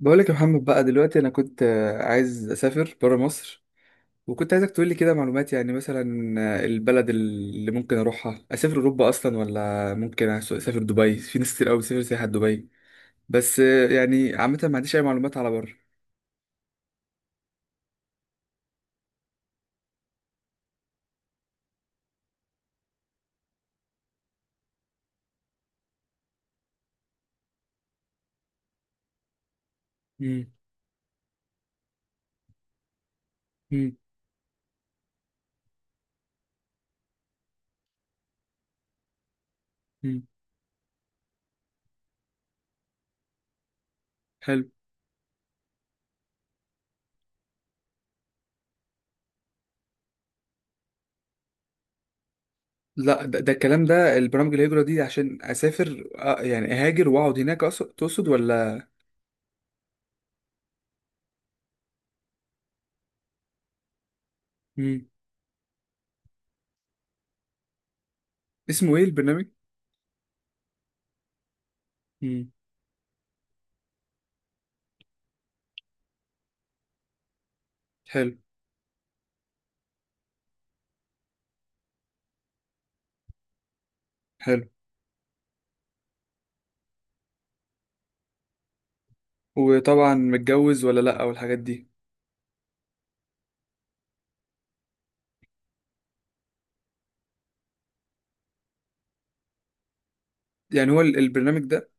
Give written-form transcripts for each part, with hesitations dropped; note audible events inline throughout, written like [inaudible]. بقولك يا محمد. بقى دلوقتي انا كنت عايز اسافر برا مصر، وكنت عايزك تقولي كده معلومات. يعني مثلا البلد اللي ممكن اروحها، اسافر اوروبا اصلا ولا ممكن اسافر دبي؟ في ناس كتير قوي بتسافر سياحة دبي، بس يعني عامة ما عنديش اي معلومات على بره. مم، مم، مم. حلو. لا، ده, ده الكلام ده، البرامج الهجرة دي عشان اسافر يعني اهاجر واقعد هناك تقصد ولا؟ مم. اسمه ايه البرنامج؟ مم. حلو. حلو. وطبعا متجوز ولا لا، والحاجات دي. يعني هو البرنامج ده.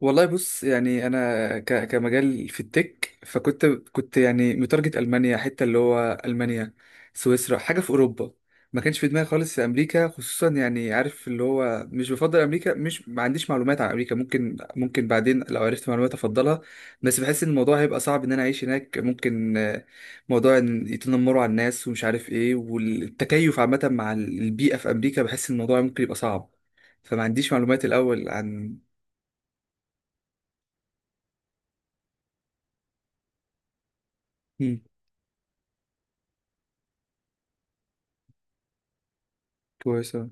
والله بص، يعني انا كمجال في التك، فكنت يعني متارجت المانيا، حته اللي هو المانيا، سويسرا، حاجه في اوروبا. ما كانش في دماغي خالص امريكا. خصوصا يعني عارف اللي هو مش بفضل امريكا، مش ما عنديش معلومات عن امريكا. ممكن بعدين لو عرفت معلومات افضلها، بس بحس ان الموضوع هيبقى صعب ان انا اعيش هناك. ممكن موضوع ان يتنمروا على الناس ومش عارف ايه، والتكيف عامه مع البيئه في امريكا بحس ان الموضوع ممكن يبقى صعب. فما عنديش معلومات الأول عن. مم. كويسة.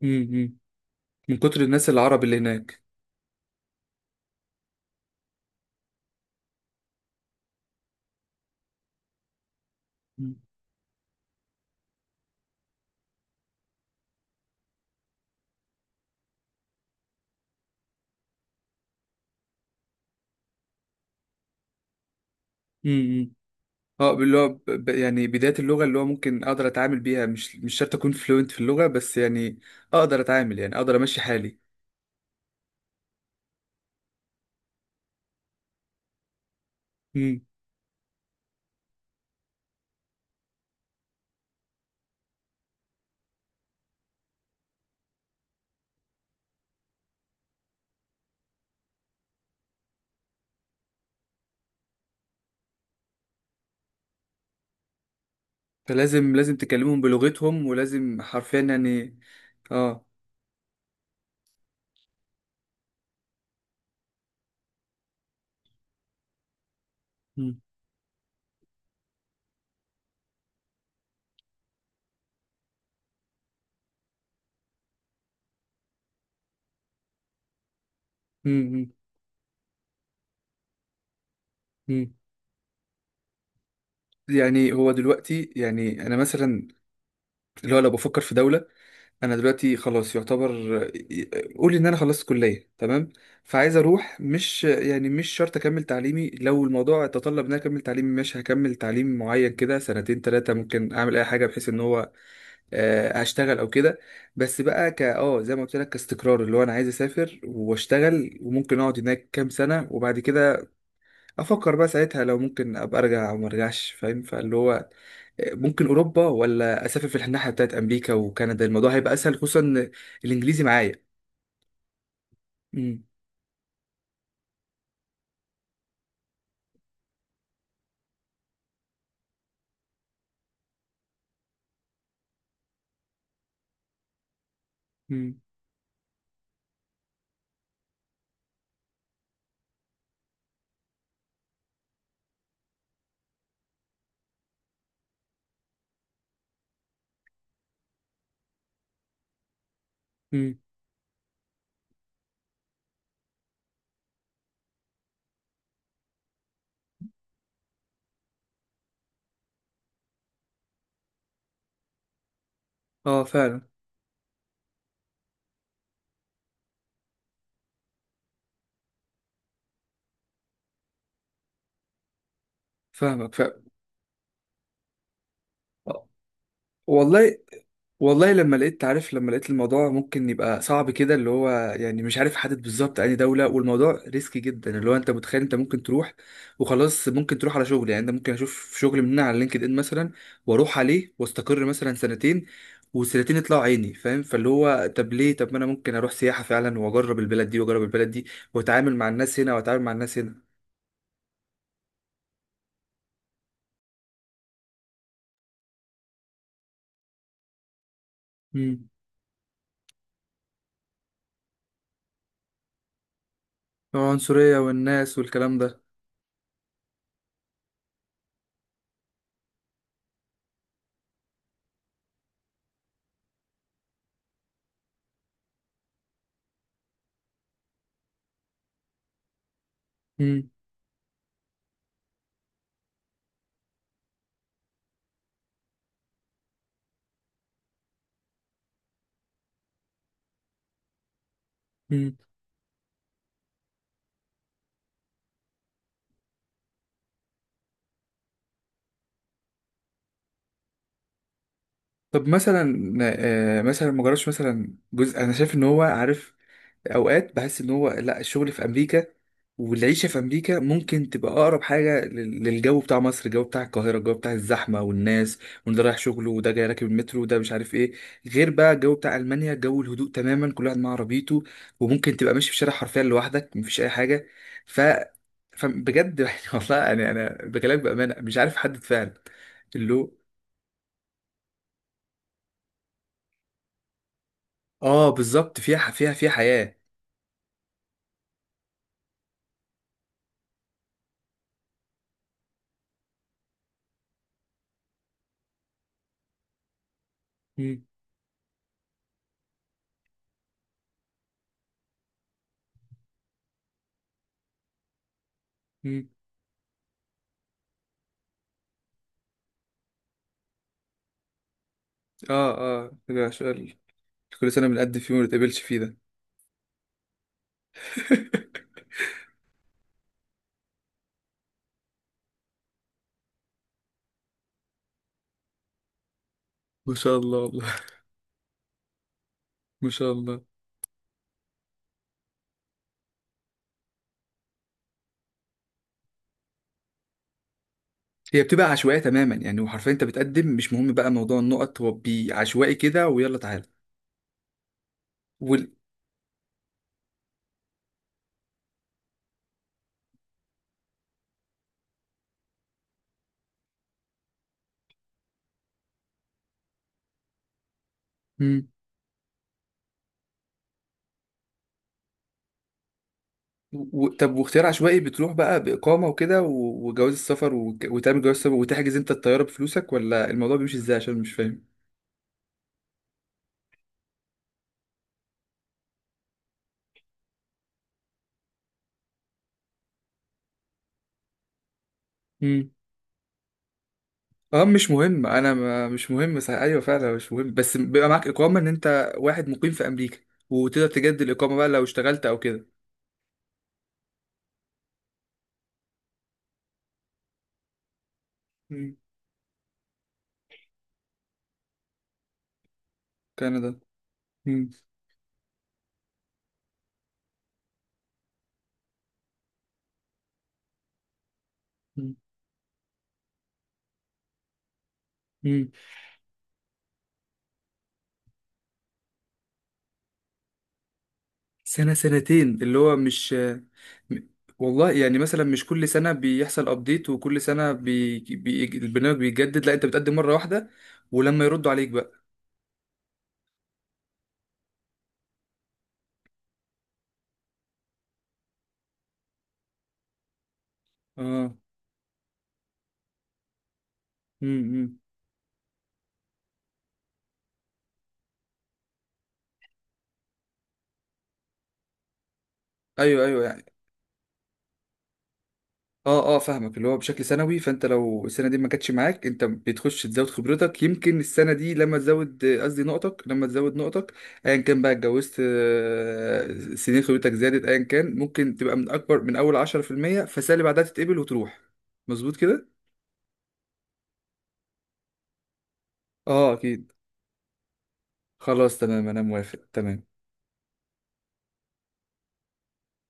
مم. مم. من كتر الناس العرب اللي هناك. مم. مم. اه، اللي هو يعني بداية اللغة، اللي هو ممكن أقدر أتعامل بيها. مش شرط أكون فلوينت في اللغة، بس يعني أقدر أتعامل، يعني أقدر أمشي حالي. مم. فلازم، لازم تكلمهم بلغتهم، ولازم حرفيا يعني. اه. مم. مم. مم. مم. يعني هو دلوقتي، يعني أنا مثلا، اللي هو لو بفكر في دولة، انا دلوقتي خلاص يعتبر، قولي ان انا خلصت كليه، تمام؟ فعايز اروح، مش يعني مش شرط اكمل تعليمي. لو الموضوع تطلب ان انا اكمل تعليمي ماشي، هكمل تعليم معين كده سنتين ثلاثه، ممكن اعمل اي حاجه بحيث ان هو هشتغل او كده. بس بقى ك اه زي ما قلت لك كاستقرار، اللي هو انا عايز اسافر واشتغل، وممكن اقعد هناك كام سنه، وبعد كده افكر بقى ساعتها لو ممكن ابقى ارجع او ما ارجعش، فاهم؟ فاللي هو ممكن اوروبا، ولا اسافر في الناحيه بتاعت امريكا وكندا. الموضوع هيبقى اسهل، خصوصا إن الانجليزي معايا. امم. امم. امم. اه فعلا. فاهمك فعلا. والله. والله لما لقيت، عارف، لما لقيت الموضوع ممكن يبقى صعب كده، اللي هو يعني مش عارف حدد بالظبط أي دولة. والموضوع ريسكي جدا، اللي هو أنت متخيل أنت ممكن تروح وخلاص، ممكن تروح على شغل، يعني أنت ممكن أشوف شغل مننا على لينكد إن مثلا، وأروح عليه وأستقر مثلا سنتين، والسنتين يطلعوا عيني، فاهم؟ فاللي هو طب ليه، طب ما أنا ممكن أروح سياحة فعلا، وأجرب البلد دي وأجرب البلد دي، وأتعامل مع الناس هنا وأتعامل مع الناس هنا. امم. العنصرية والناس والكلام ده. امم. طب مثلا مثلا ما جربش، مثلا جزء انا شايف ان هو، عارف، اوقات بحس ان هو لا، الشغل في امريكا والعيشه في امريكا ممكن تبقى اقرب حاجه للجو بتاع مصر، الجو بتاع القاهره، الجو بتاع الزحمه والناس، وان ده رايح شغله، وده جاي راكب المترو، وده مش عارف ايه. غير بقى الجو بتاع المانيا، جو الهدوء تماما، كل واحد مع عربيته، وممكن تبقى ماشي في الشارع حرفيا لوحدك مفيش اي حاجه. ف، فبجد [laughs] يعني والله، انا بكلمك بامانه، مش عارف احدد فعلا. اللي هو اه بالظبط، فيها فيها، فيها حياة. مم. مم. اه اه، ده سؤال. كل سنة بنقدم فيه وما نتقابلش فيه ده. [laughs] ما شاء الله والله. ما شاء الله. هي بتبقى عشوائية تماما يعني، وحرفيا انت بتقدم، مش مهم بقى موضوع النقط، هو عشوائي كده ويلا تعالى. وال... مم. و... طب واختيار عشوائي، بتروح بقى بإقامة وكده، و... وجواز السفر، و... وتعمل جواز السفر وتحجز انت الطيارة بفلوسك، ولا الموضوع بيمشي ازاي؟ عشان مش فاهم. اه مش مهم، انا ما مش مهم، صح ايوه فعلا مش مهم. بس بيبقى معاك اقامه ان انت واحد مقيم في امريكا، وتقدر تجدد الاقامه بقى لو اشتغلت او كده. مم. كندا. مم. مم. مم. سنه سنتين، اللي هو مش، م- والله يعني مثلا مش كل سنه بيحصل ابديت، وكل سنه البرنامج بيتجدد، لا انت بتقدم مره واحده ولما يردوا عليك بقى. اه. مم. مم. ايوه ايوه يعني. اه اه فاهمك، اللي هو بشكل سنوي. فانت لو السنه دي ما جاتش معاك، انت بتخش تزود خبرتك، يمكن السنه دي لما تزود، قصدي نقطك، لما تزود نقطك ايا كان بقى، اتجوزت سنين خبرتك زادت، ايا كان، ممكن تبقى من اكبر، من اول 10%، فالسنه اللي بعدها تتقبل وتروح. مظبوط كده. اه اكيد. خلاص تمام انا موافق تمام.